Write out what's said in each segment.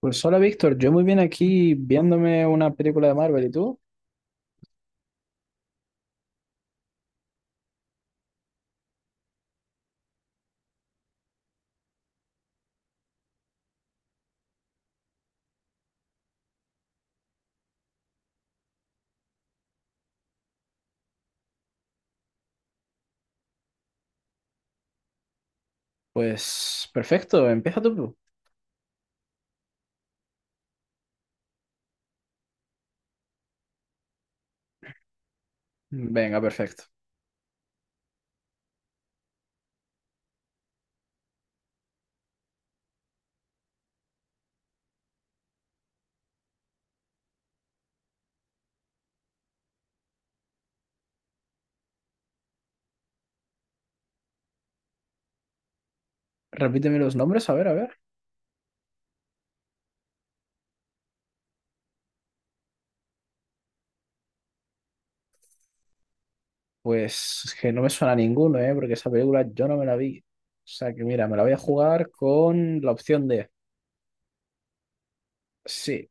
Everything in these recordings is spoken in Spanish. Pues hola Víctor, yo muy bien aquí viéndome una película de Marvel, ¿y tú? Pues perfecto, empieza tú. Venga, perfecto. Repíteme los nombres, a ver, a ver. Pues es que no me suena ninguno, ¿eh? Porque esa película yo no me la vi. O sea que mira, me la voy a jugar con la opción D. Sí.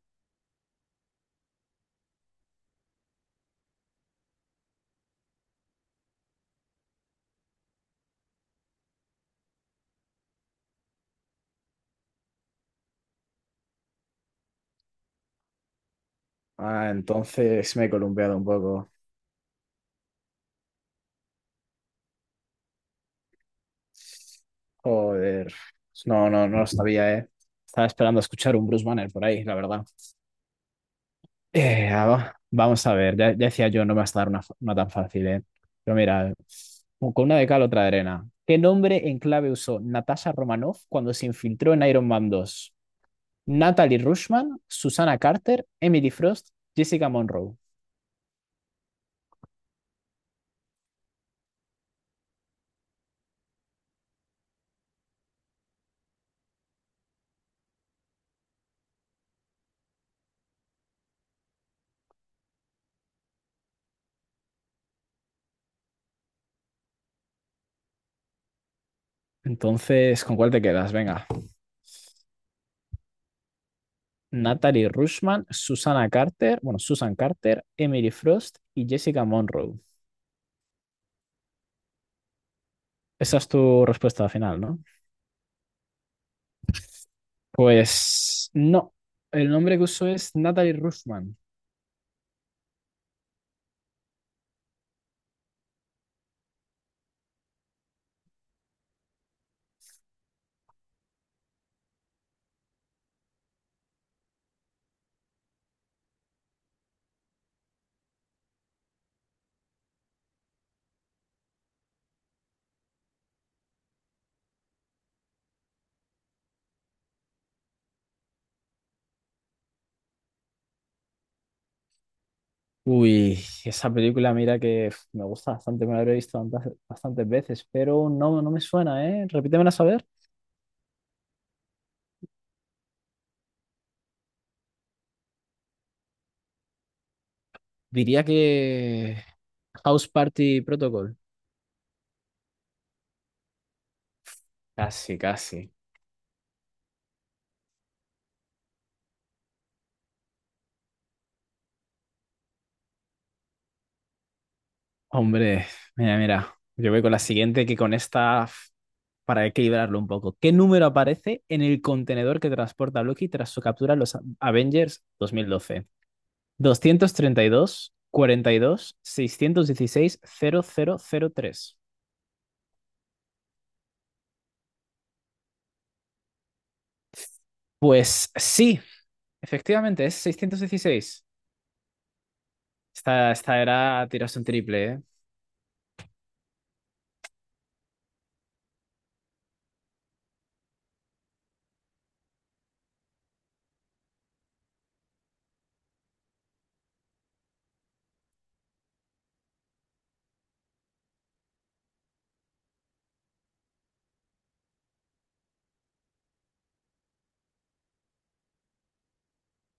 Ah, entonces me he columpiado un poco. Joder. No, no, no lo sabía, ¿eh? Estaba esperando a escuchar un Bruce Banner por ahí, la verdad. Ah, vamos a ver, ya, ya decía yo, no me vas a dar una, una tan fácil, ¿eh? Pero mira, con una de cal, otra de arena. ¿Qué nombre en clave usó Natasha Romanoff cuando se infiltró en Iron Man 2? Natalie Rushman, Susana Carter, Emily Frost, Jessica Monroe. Entonces, ¿con cuál te quedas? Venga. Natalie Rushman, Susana Carter, bueno, Susan Carter, Emily Frost y Jessica Monroe. Esa es tu respuesta final, ¿no? Pues no. El nombre que usó es Natalie Rushman. Uy, esa película, mira que uf, me gusta bastante, me la habré visto bastantes veces, pero no, no me suena, ¿eh? Repítemela a saber. Diría que House Party Protocol. Casi, casi. Hombre, mira, mira. Yo voy con la siguiente que con esta, uf, para equilibrarlo un poco. ¿Qué número aparece en el contenedor que transporta Loki tras su captura en los Avengers 2012? 232, 42, 616, 0003. Pues sí. Efectivamente, es 616. Esta era, tiraste un triple, ¿eh?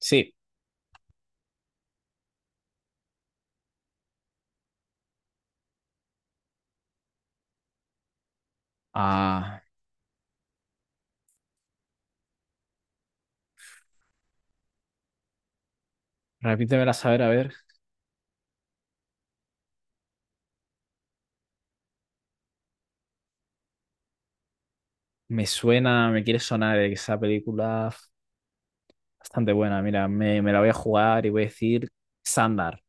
Sí. Ah, repítemela, a ver, a ver. Me suena, me quiere sonar esa película bastante buena. Mira, me la voy a jugar y voy a decir Sandar.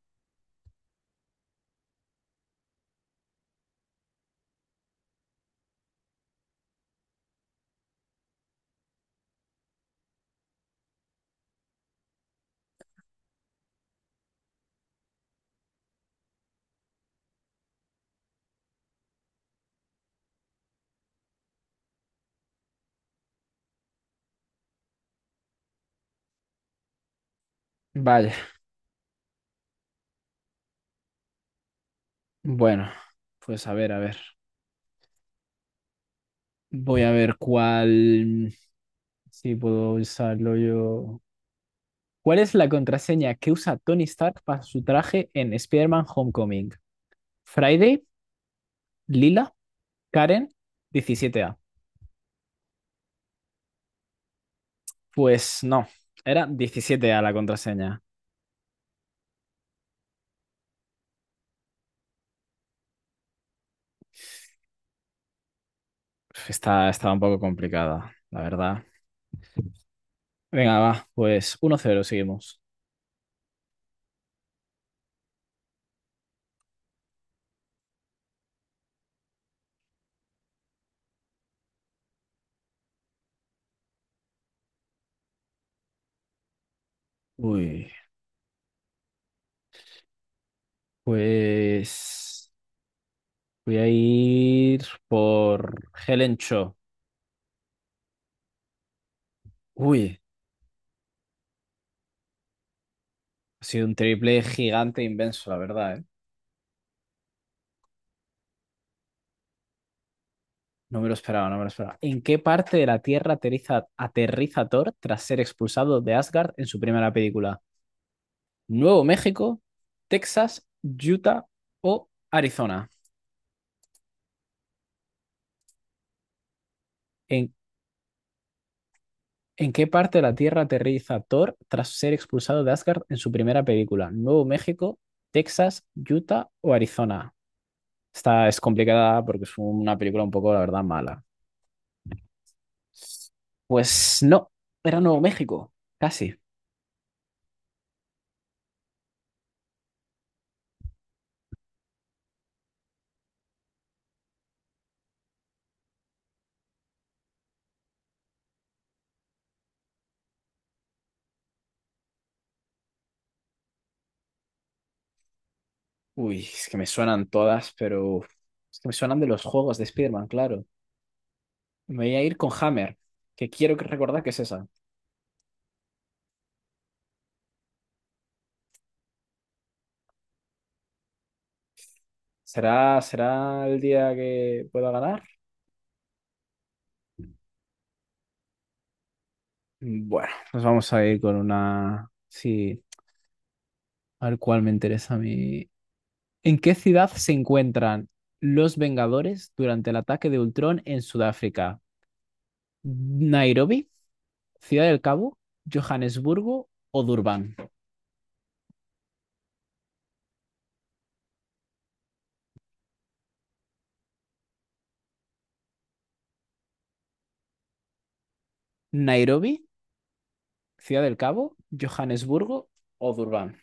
Vale. Bueno, pues a ver, a ver. Voy a ver cuál. Si puedo usarlo yo. ¿Cuál es la contraseña que usa Tony Stark para su traje en Spider-Man Homecoming? ¿Friday? ¿Lila? Karen, 17, 17A. Pues no, era 17A la contraseña. Estaba un poco complicada, la verdad. Venga, va, pues 1-0 seguimos. Uy, pues voy a ir por Helen Cho. Uy, ha sido un triple gigante inmenso, la verdad, ¿eh? No me lo esperaba, no me lo esperaba. ¿En qué parte de la Tierra aterriza Thor tras ser expulsado de Asgard en su primera película? ¿Nuevo México, Texas, Utah o Arizona? ¿En ¿En qué parte de la Tierra aterriza Thor tras ser expulsado de Asgard en su primera película? ¿Nuevo México, Texas, Utah o Arizona? Esta es complicada porque es una película un poco, la verdad, mala. Pues no, era Nuevo México, casi. Uy, es que me suenan todas, pero uf, es que me suenan de los juegos de Spider-Man, claro. Me voy a ir con Hammer, que quiero recordar que es esa. ¿Será, será el día que pueda ganar? Bueno, nos vamos a ir con una. Sí. A ver cuál me interesa a mí. ¿En qué ciudad se encuentran los Vengadores durante el ataque de Ultron en Sudáfrica? ¿Nairobi, Ciudad del Cabo, Johannesburgo o Durban? ¿Nairobi, Ciudad del Cabo, Johannesburgo o Durban?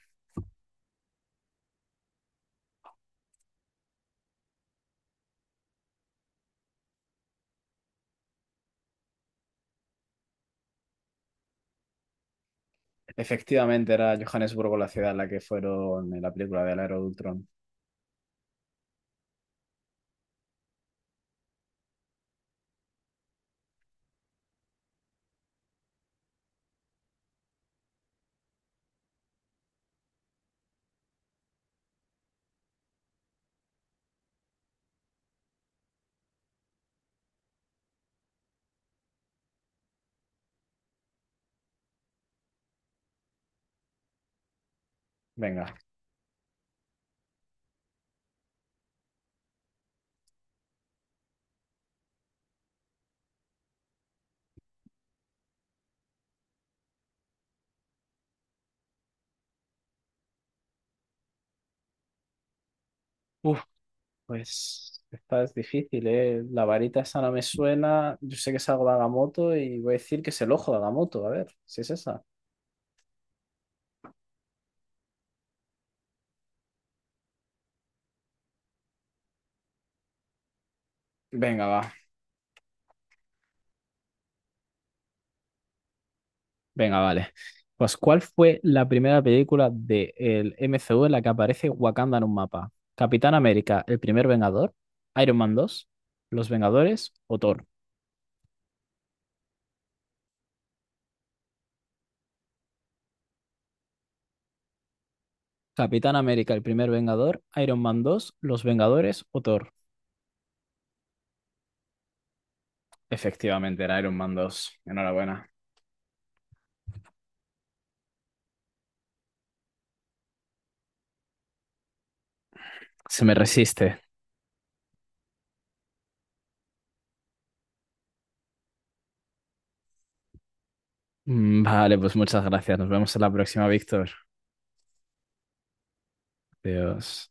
Efectivamente, era Johannesburgo la ciudad en la que fueron en la película del Aero de Ultron. Venga. Uf, pues esta es difícil, ¿eh? La varita esa no me suena. Yo sé que es algo de Agamotto y voy a decir que es el ojo de Agamotto. A ver, si es esa. Venga, va. Venga, vale. Pues, ¿cuál fue la primera película del MCU en la que aparece Wakanda en un mapa? ¿Capitán América, el primer Vengador? ¿Iron Man 2? ¿Los Vengadores o Thor? Capitán América, el primer Vengador, Iron Man dos, Los Vengadores o Thor. Efectivamente, era Iron Man 2. Enhorabuena. Se me resiste. Vale, pues muchas gracias. Nos vemos en la próxima, Víctor. Adiós.